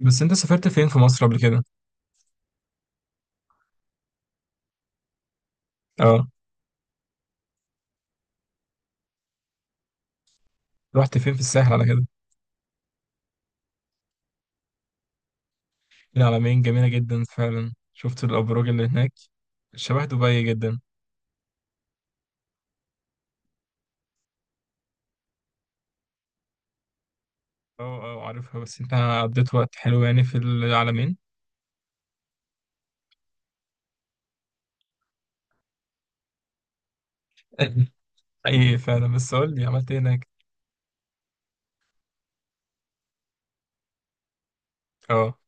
بس انت سافرت فين في مصر قبل كده؟ اه، رحت فين في الساحل على كده؟ العلمين جميلة جدا فعلا، شفت الأبراج اللي هناك؟ شبه دبي جدا. اه اه، عارفها. بس انت قضيت وقت حلو يعني في العلمين؟ ايه فعلا. بس قول لي عملت ايه هناك؟ اه،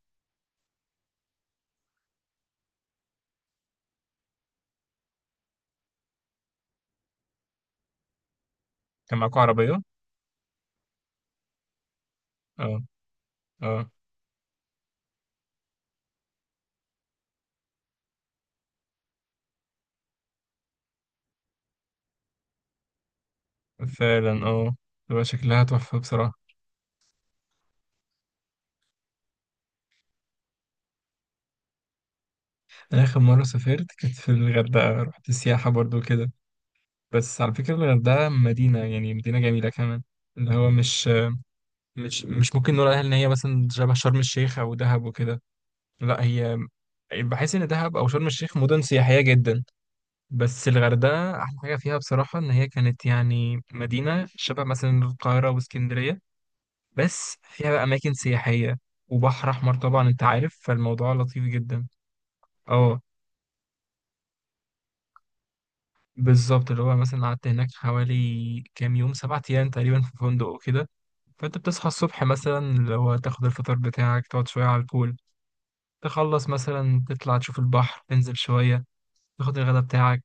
كان معاكوا عربية؟ اه اه فعلا. اه، تبقى شكلها تحفة بصراحة. أنا آخر مرة سافرت كانت في الغردقة، رحت السياحة برضو كده. بس على فكرة الغردقة مدينة، يعني مدينة جميلة كمان. اللي هو مش ممكن نقول عليها ان هي مثلا شبه شرم الشيخ او دهب وكده. لا، هي بحس ان دهب او شرم الشيخ مدن سياحيه جدا، بس الغردقه احلى حاجه فيها بصراحه ان هي كانت يعني مدينه شبه مثلا القاهره واسكندريه. بس فيها بقى اماكن سياحيه، وبحر احمر طبعا انت عارف، فالموضوع لطيف جدا. اه بالظبط، اللي هو مثلا قعدت هناك حوالي كام يوم، 7 ايام تقريبا في فندق وكده. فانت بتصحى الصبح مثلا، اللي هو تاخد الفطار بتاعك، تقعد شويه على البول، تخلص مثلا تطلع تشوف البحر، تنزل شوية، تاخد الغداء بتاعك.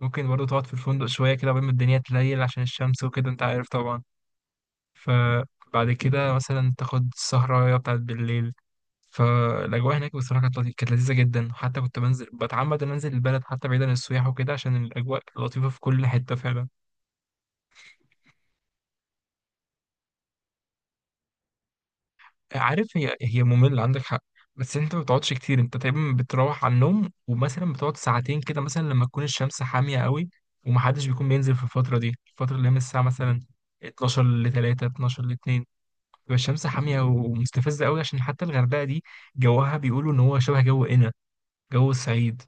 ممكن برضو تقعد في الفندق شوية كده قبل ما الدنيا تليل عشان الشمس وكده انت عارف طبعا. فبعد كده مثلا تاخد السهرة بتاعت بالليل. فالأجواء هناك بصراحة كانت كانت لذيذة جدا. حتى كنت بنزل بتعمد إن أنزل البلد حتى بعيد عن السياح وكده عشان الأجواء لطيفة في كل حتة فعلا. عارف، هي مملة، عندك حق. بس انت ما بتقعدش كتير، انت تقريبا بتروح على النوم ومثلا بتقعد ساعتين كده مثلا لما تكون الشمس حامية قوي، ومحدش بيكون بينزل في الفترة دي. الفترة اللي هي من الساعة مثلا 12 ل 3، 12 ل 2، بتبقى الشمس حامية ومستفزة قوي. عشان حتى الغردقة دي جوها بيقولوا ان هو شبه جو قنا، جو الصعيد.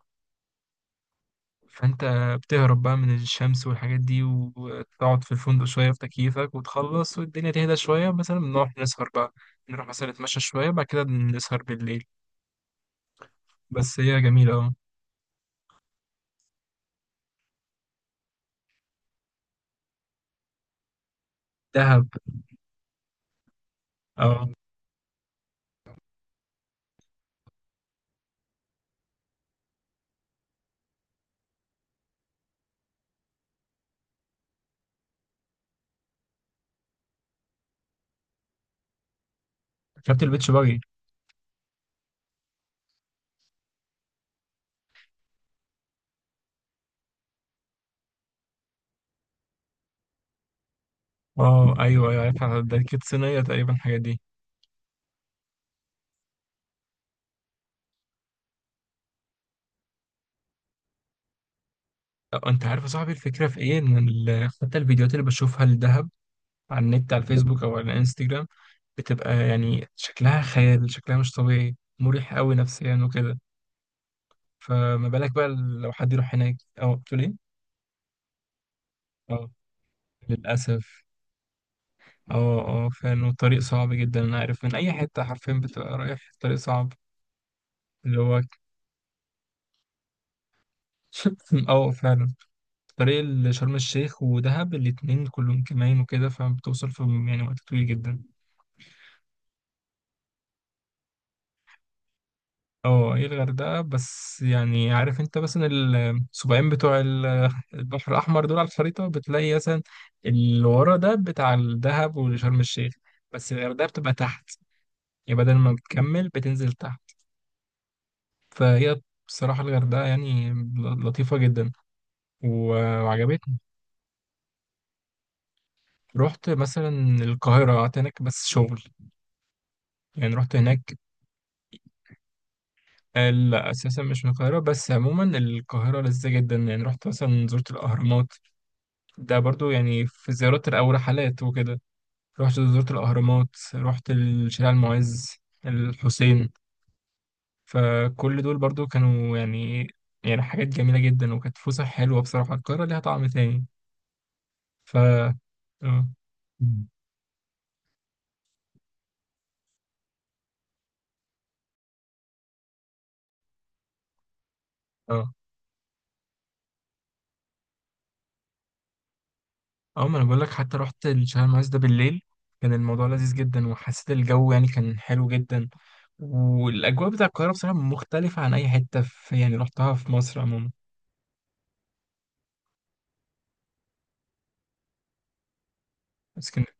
فانت بتهرب بقى من الشمس والحاجات دي وتقعد في الفندق شوية في تكييفك، وتخلص والدنيا تهدى شوية، مثلا بنروح نسهر بقى، نروح مثلا نتمشى شوية بعد كده نسهر بالليل. بس هي جميلة، اه. دهب. اه، شفت البيتش باجي. اه ايوه ايوه عارفها، ده كانت صينية تقريبا الحاجات دي. انت عارف يا صاحبي الفكرة في ايه ان حتى الفيديوهات اللي بشوفها للدهب على النت، على الفيسبوك او على الانستجرام، بتبقى يعني شكلها خيال، شكلها مش طبيعي، مريح قوي نفسيا وكده. فما بالك بقى لو حد يروح هناك. اه، بتقول ايه. اه للاسف. اه اه فعلا، والطريق صعب جدا انا عارف، من اي حتة حرفيا بتبقى رايح الطريق صعب. اللي هو اه فعلا، طريق لشرم الشيخ ودهب الاتنين كلهم كمان وكده، فبتوصل في يعني وقت طويل جدا. اه، هي الغردقة بس، يعني عارف انت مثلا السبعين بتوع البحر الأحمر دول على الخريطة بتلاقي مثلا اللي ورا ده بتاع الدهب وشرم الشيخ، بس الغردقة بتبقى تحت. يعني بدل ما بتكمل بتنزل تحت. فهي بصراحة الغردقة يعني لطيفة جدا، و- وعجبتني. رحت مثلا القاهرة، قعدت هناك بس شغل، يعني رحت هناك. لا اساسا مش من القاهره، بس عموما القاهره لذيذه جدا، يعني رحت مثلا زرت الاهرامات. ده برضو يعني في زيارات او رحلات وكده. رحت زرت الاهرامات، رحت الشارع المعز، الحسين. فكل دول برضو كانوا يعني حاجات جميله جدا، وكانت فسح حلوه بصراحه، القاهره ليها طعم تاني. ف اه مم. اه ما انا بقول لك حتى رحت الشهر المعز ده بالليل، كان الموضوع لذيذ جدا، وحسيت الجو يعني كان حلو جدا. والاجواء بتاع القاهره بصراحه مختلفه عن اي حته، في يعني رحتها في مصر عموما. اسكندريه،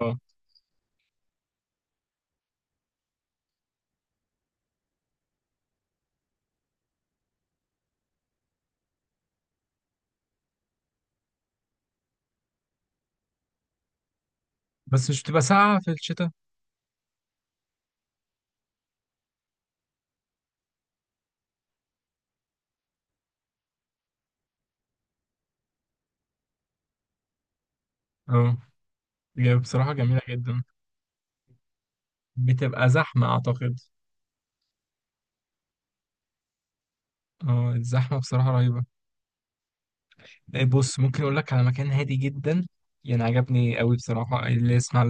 اه. بس مش بتبقى ساقعه في الشتاء؟ اه هي بصراحه جميله جدا. بتبقى زحمه اعتقد. اه الزحمه بصراحه رهيبه. إيه، بص ممكن اقول لك على مكان هادي جدا، يعني عجبني قوي بصراحه اللي اسمع.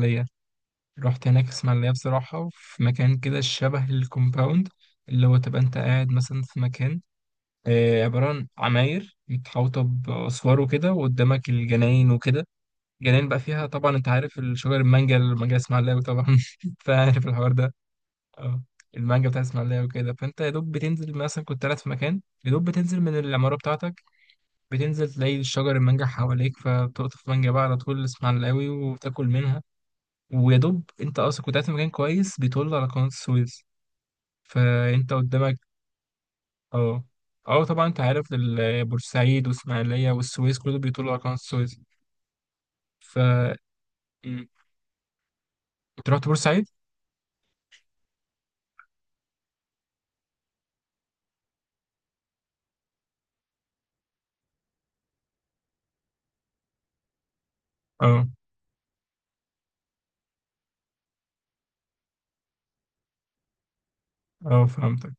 رحت هناك اسماعيلية بصراحة في مكان كده شبه الكومباوند، اللي هو تبقى انت قاعد مثلا في مكان، عبارة عن عماير متحوطة بأسوار وكده، وقدامك الجناين وكده. جناين بقى فيها طبعا انت عارف الشجر، المانجا، المانجا اسماعيلاوي طبعا. فعارف الحوار ده. اه المانجا بتاع اسماعيلية وكده. فانت يا دوب بتنزل مثلا، كنت قاعد في مكان يا دوب بتنزل من العمارة بتاعتك، بتنزل تلاقي شجر المانجا حواليك. فبتقطف مانجا بقى على طول اسماعيلاوي وتاكل منها. ويا دوب انت اصلا كنت قاعد في مكان كويس بيطل على قناة السويس، فانت قدامك. اه اه طبعا، انت عارف بورسعيد واسماعيلية والسويس كله بيطل على قناة السويس. ف مم. انت رحت بورسعيد؟ اه اه فهمتك.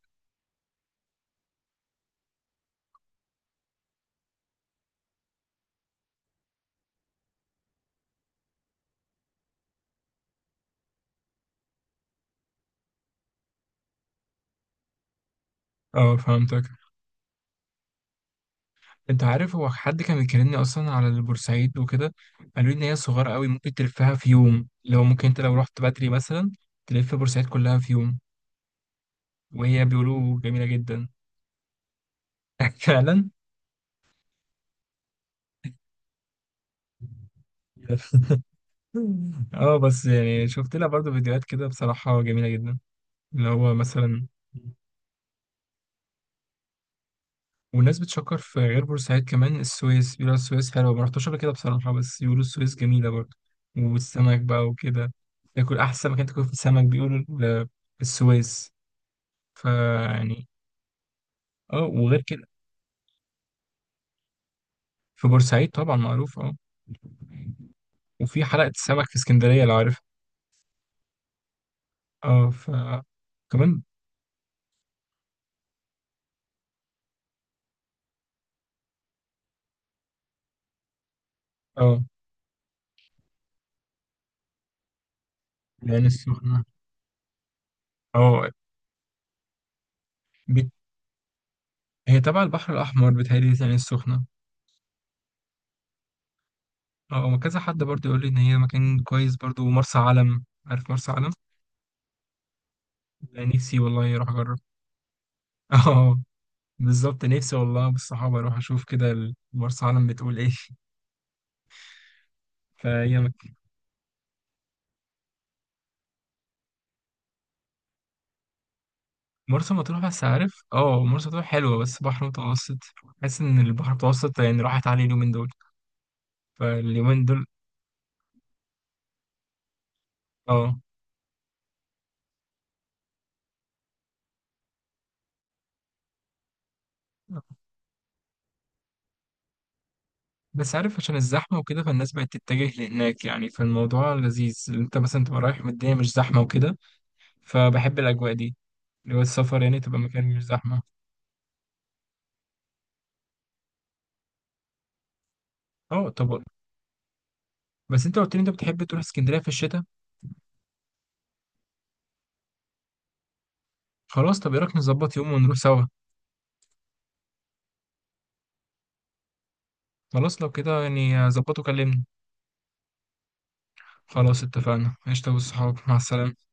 اه فهمتك انت عارف هو حد كان بيكلمني اصلا على البورسعيد وكده، قالوا لي ان هي صغيرة قوي، ممكن تلفها في يوم. لو ممكن انت لو رحت بدري مثلا، تلف بورسعيد كلها في يوم. وهي بيقولوا جميلة جدا. فعلا. اه، بس يعني شفت لها برضو فيديوهات كده بصراحة جميلة جدا، اللي هو مثلا. والناس بتشكر في غير بورسعيد كمان، السويس بيقولوا السويس حلوة. ما رحتش قبل كده بصراحة، بس بيقولوا السويس جميلة برضه، والسمك بقى وكده. تاكل أحسن مكان تاكل في السمك بيقولوا السويس، فيعني اه. وغير كده، في بورسعيد طبعا معروف، اه. وفي حلقة السمك في اسكندرية لو عارفها. اه، ف كمان. اه العين السخنة. اه بت... هي تبع البحر الأحمر بتهيألي العين السخنة. اه هو كذا حد برضو يقول لي ان هي مكان كويس، برضو مرسى علم، عارف مرسى علم؟ لا، نفسي والله اروح اجرب. اه بالظبط، نفسي والله بالصحابه اروح اشوف كده مرسى علم، بتقول ايه. فهي مك... مرسى مطروح. بس عارف اه مرسى مطروح حلوه بس بحر متوسط، حاسس ان البحر المتوسط يعني راحت عليه اليومين دول، فاليومين دول اه. بس عارف عشان الزحمه وكده، فالناس بقت تتجه لهناك يعني، فالموضوع لذيذ انت مثلا تبقى رايح والدنيا مش زحمه وكده، فبحب الأجواء دي، اللي هو السفر يعني تبقى مكان مش زحمة. اه طب، بس انت قلت لي انت بتحب تروح اسكندرية في الشتاء. خلاص طب، ايه رأيك نظبط يوم ونروح سوا. خلاص لو كده يعني ظبطه كلمني. خلاص اتفقنا، قشطة، والصحاب مع السلامة.